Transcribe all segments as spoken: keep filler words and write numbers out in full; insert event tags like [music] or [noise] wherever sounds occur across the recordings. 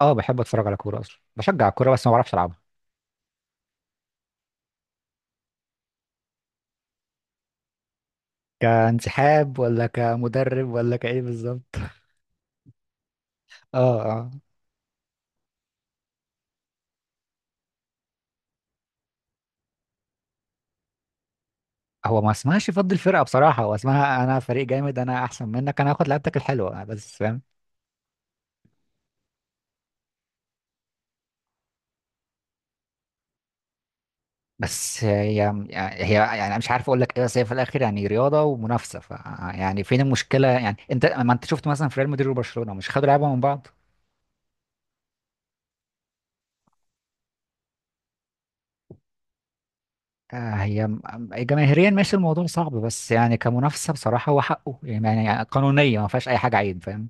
اه، بحب اتفرج على كوره، اصلا بشجع الكوره بس ما بعرفش العبها. كانسحاب ولا كمدرب ولا كايه بالظبط؟ اه، اه. هو ما اسمهاش فضل الفرقه بصراحه، هو اسمها انا فريق جامد، انا احسن منك، انا هاخد لعبتك الحلوه، بس فاهم. بس هي هي يعني أنا مش عارف اقول لك ايه، بس هي في الاخر يعني رياضه ومنافسه، ف يعني فين المشكله؟ يعني انت ما انت شفت مثلا في ريال مدريد وبرشلونه مش خدوا لعبه من بعض؟ آه، هي م- جماهيريا ماشي الموضوع صعب، بس يعني كمنافسه بصراحه هو حقه، يعني يعني قانونيا ما فيهاش اي حاجه عيب، فاهم.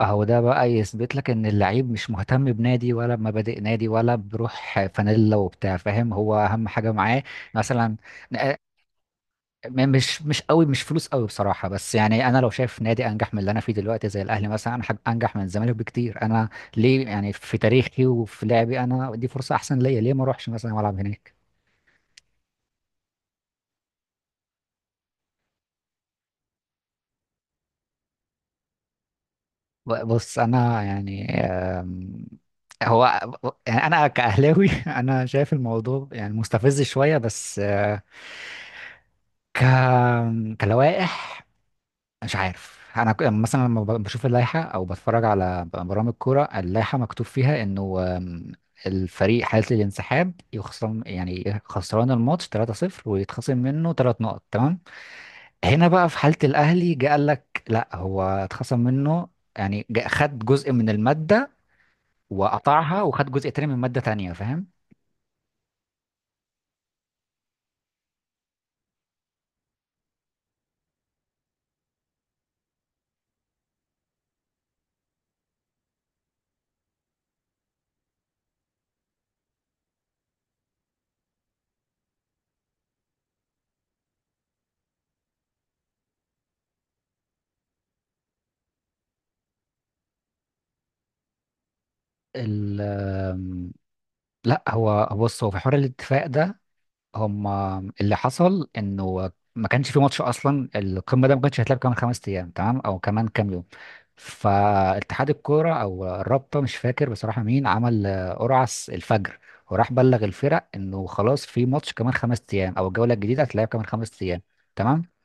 اهو ده بقى يثبت لك ان اللعيب مش مهتم بنادي ولا بمبادئ نادي ولا بروح فانيلا وبتاع، فاهم، هو اهم حاجه معاه مثلا. آه، م- مش مش قوي، مش فلوس قوي بصراحه، بس يعني انا لو شايف نادي انجح من اللي انا فيه دلوقتي زي الاهلي مثلا، أنا حب- انجح من الزمالك بكتير انا، ليه؟ يعني في تاريخي وفي لعبي انا، دي فرصه احسن ليا، ليه ما اروحش مثلا والعب هناك؟ ب- بص، انا يعني آم، هو يعني انا كاهلاوي [laughs] انا شايف الموضوع يعني مستفز شويه، بس ك... كلوائح مش عارف. انا ك- يعني مثلا لما ب- بشوف اللائحه او بتفرج على ب- برامج كوره، اللائحه مكتوب فيها انه آم، الفريق حاله الانسحاب يخصم، يعني خسران الماتش ثلاثة صفر ويتخصم منه 3 نقط، تمام. هنا بقى في حاله الاهلي جه قال لك لا، هو اتخصم منه، يعني جا- خد جزء من الماده وقطعها، وخد جزء تاني من ماده تانيه، فاهم. ال آم، لا، هو بص، هو في حوار الاتفاق ده، هم اللي حصل انه ما كانش في ماتش اصلا، القمه ده ما كانش هيتلعب كمان خمس ايام تمام او كمان كام يوم. فاتحاد الكوره او الرابطه، مش فاكر بصراحه مين عمل آه، قرعه الس- الفجر، وراح بلغ الفرق انه خلاص في ماتش كمان خمس ايام، او الجوله الجديده هتتلعب كمان خمس ايام، تمام.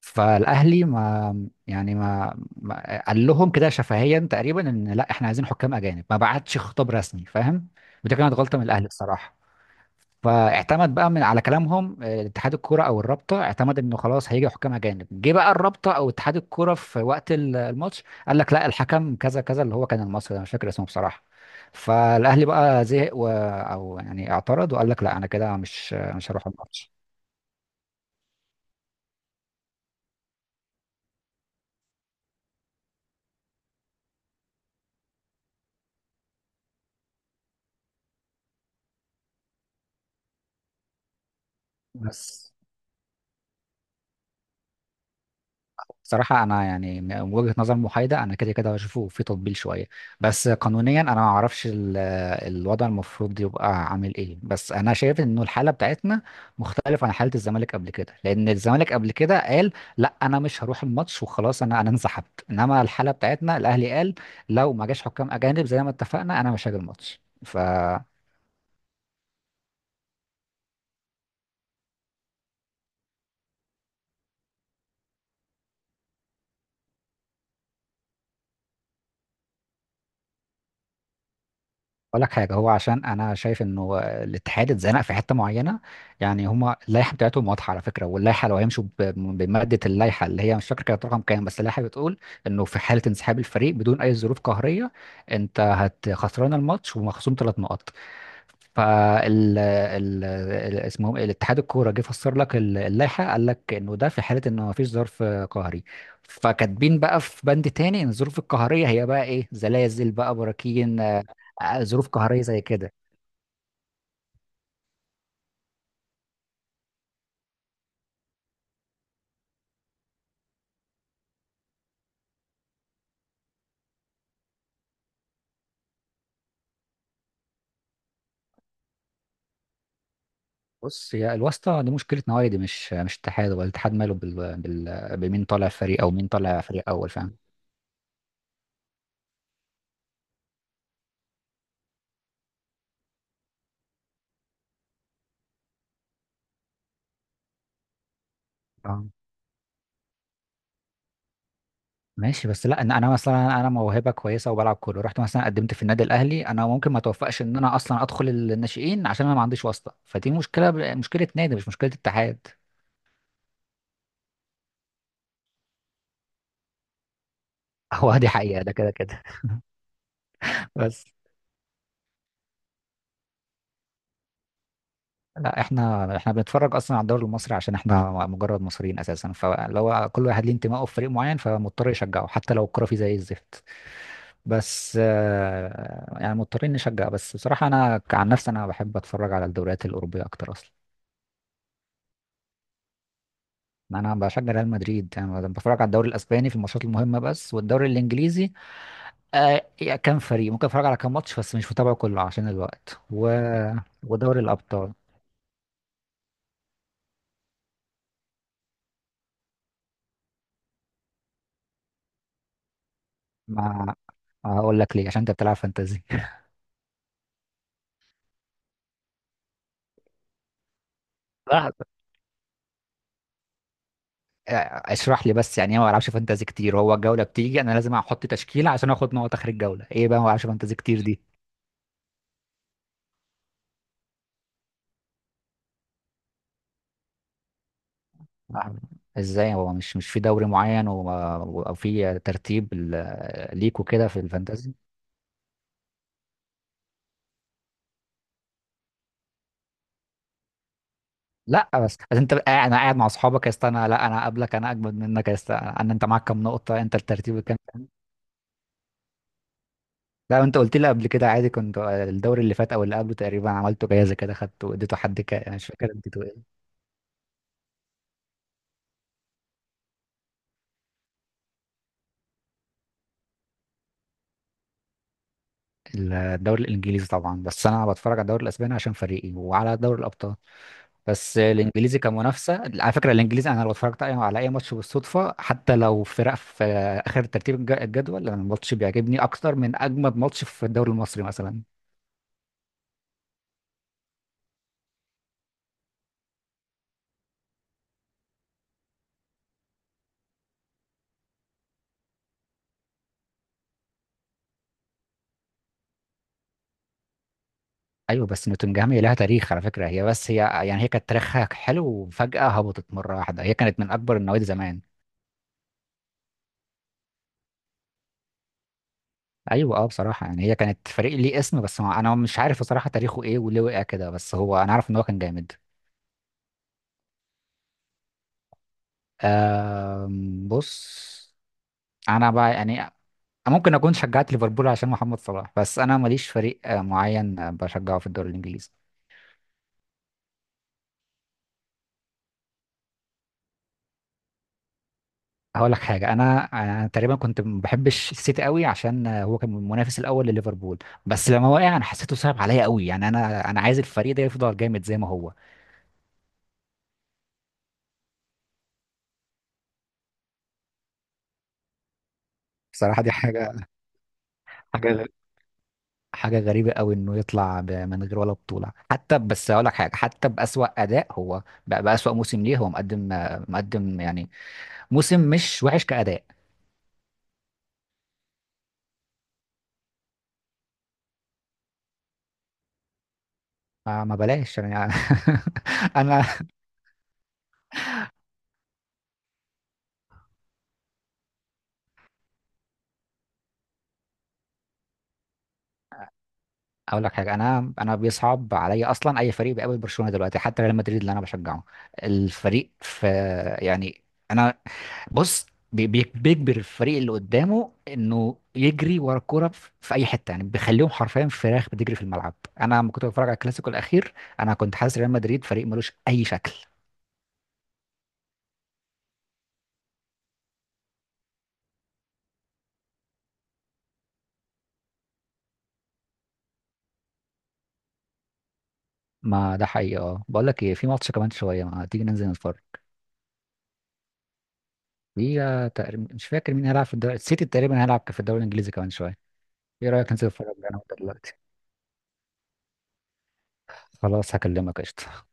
فالاهلي ما يعني ما, ما قال لهم كده شفهيا تقريبا ان لا احنا عايزين حكام اجانب، ما بعتش خطاب رسمي، فاهم. ودي كانت غلطه من الاهلي بصراحه. فاعتمد بقى من على كلامهم آه، اتحاد الكوره او الرابطه، اعتمد انه خلاص هيجي حكام اجانب. جه بقى الرابطه او اتحاد الكوره في وقت ال- الماتش قال لك لا، الحكم كذا كذا، اللي هو كان المصري، انا مش فاكر اسمه بصراحه. فالاهلي بقى زهق و... او يعني اعترض، وقال لك لا انا كده مش مش هروح الماتش. بس صراحة أنا يعني من وجهة نظر محايدة أنا كده كده بشوفه في تطبيل شوية، بس قانونيا أنا ما أعرفش ال- الوضع المفروض يبقى عامل إيه، بس أنا شايف إنه الحالة بتاعتنا مختلفة عن حالة الزمالك قبل كده، لأن الزمالك قبل كده قال لا أنا مش هروح الماتش وخلاص، أنا أنا انسحبت إنما الحالة بتاعتنا الأهلي قال لو ما جاش حكام أجانب زي ما اتفقنا أنا مش هاجي الماتش، ف اقول لك حاجه، هو عشان انا شايف انه الاتحاد اتزنق في حته معينه، يعني هما اللائحه بتاعتهم واضحه على فكره، واللائحه لو هيمشوا ب- بماده اللائحه اللي هي مش فاكر كانت رقم كام، بس اللائحه بتقول انه في حاله انسحاب الفريق بدون اي ظروف قهريه، انت هت خسران الماتش ومخصوم ثلاث نقط. فال ال... ال- اسمهم ايه، الاتحاد الكوره، جه فسر لك ال- اللائحه، قال لك انه ده في حاله انه ما فيش ظرف قهري، فكاتبين بقى في بند تاني ان الظروف القهريه هي بقى ايه، زلازل بقى، براكين، آه، آه، ظروف قهريه زي كده. بص، هي الواسطه دي مشكله نوادي، مش مش اتحاد، ولا الاتحاد ماله بال... بال... بمين طالع فريق او مين طالع فريق اول، فاهم. اه، ماشي، بس لا، ان انا مثلا انا موهبه كويسه وبلعب كوره، رحت مثلا قدمت في النادي الاهلي، انا ممكن ما توفقش ان انا اصلا ادخل الناشئين عشان انا ما عنديش واسطه، فدي مشكله، مشكله نادي، مش مشكله اتحاد. [laughs] هو دي حقيقه، ده كده كده. [laughs] بس لا، احنا احنا بنتفرج اصلا على الدوري المصري عشان احنا مجرد مصريين اساسا، فلو كل واحد ليه انتمائه في فريق معين فمضطر يشجعه حتى لو الكوره فيه زي الزفت. بس آه، يعني مضطرين نشجع، بس بصراحه انا عن نفسي انا بحب اتفرج على الدوريات الاوروبيه اكتر اصلا. انا بشجع ريال مدريد، يعني انا بتفرج على الدوري الاسباني في الماتشات المهمه بس، والدوري الانجليزي آه، يا كام فريق، ممكن اتفرج على كام ماتش بس مش متابعه كله عشان الوقت و... ودوري الابطال. ما هقول لك ليه، عشان انت بتلعب فانتازي. [laughs] لحظة. آه، اشرح لي بس يعني ايه ما بلعبش فانتازي كتير؟ هو الجوله بتيجي انا لازم احط تشكيله عشان اخد نقط اخر الجوله، ايه بقى ما بلعبش فانتازي كتير دي؟ [laughs] لحظة. ازاي هو مش مش في دوري معين و- او في ترتيب ال- ليك وكده في الفانتازي؟ لا، بس بس انت قاعد، انا قاعد مع اصحابك يا اسطى، انا لا، انا قبلك، انا اجمد منك يا اسطى، انا انت معاك كام نقطه، انت الترتيب كام؟ لا، انت قلت لي قبل كده عادي كنت آه، الدوري اللي فات او اللي قبله تقريبا عملته جايزه كده، خدته اديته حد كده، انا مش فاكر اديته ايه. الدوري الانجليزي طبعا، بس انا بتفرج على الدوري الاسباني عشان فريقي، وعلى دوري الابطال، بس الانجليزي كمنافسه. على فكره الانجليزي انا لو اتفرجت أي- على اي ماتش بالصدفه، حتى لو فرق في اخر ترتيب الج- الجدول، انا الماتش بيعجبني اكتر من اجمد ماتش في الدوري المصري مثلا. ايوه، بس نوتنجهام هي لها تاريخ على فكره، هي بس هي يعني هي كانت تاريخها حلو وفجاه هبطت مره واحده، هي كانت من اكبر النوادي زمان. ايوه، اه، بصراحه يعني هي كانت فريق ليه اسم، بس ما انا مش عارف بصراحه تاريخه ايه وليه وقع كده، بس هو انا عارف ان هو كان جامد. آم بص، انا بقى يعني ممكن اكون شجعت ليفربول عشان محمد صلاح، بس انا ماليش فريق آه، معين آه، بشجعه في الدوري الانجليزي. هقول لك حاجه، انا انا تقريبا كنت ما بحبش السيتي قوي عشان هو كان المنافس الاول لليفربول، بس لما وقع انا حسيته صعب عليا قوي، يعني انا انا عايز الفريق ده يفضل جامد زي ما هو. بصراحه دي حاجه، حاجه غ- حاجه غريبه قوي انه يطلع ب- من غير ولا بطوله حتى، بس هقول لك حاجه، حتى باسوا اداء هو بقى باسوا موسم ليه، هو مقدم، مقدم يعني موسم مش وحش كاداء. ما ما بلاش يعني. [laughs] انا اقول لك حاجه، انا انا بيصعب عليا اصلا اي فريق بيقابل برشلونه دلوقتي، حتى ريال مدريد اللي انا بشجعه، الفريق في يعني، انا بص بي- بي- بيجبر الفريق اللي قدامه انه يجري ورا الكوره في في اي حته، يعني بيخليهم حرفيا فراخ بتجري في الملعب. انا لما كنت بتفرج على الكلاسيكو الاخير انا كنت حاسس ريال مدريد فريق ملوش اي شكل. ما ده حقيقي، اه، بقول لك ايه، في ماتش كمان شويه، ما تيجي ننزل نتفرج؟ في آه، تقريبا مش فاكر مين هيلعب في الدوري، السيتي تقريبا هيلعب في الدوري الانجليزي كمان شويه. ايه رايك ننزل نتفرج على دلوقتي؟ خلاص، هكلمك، قشطة.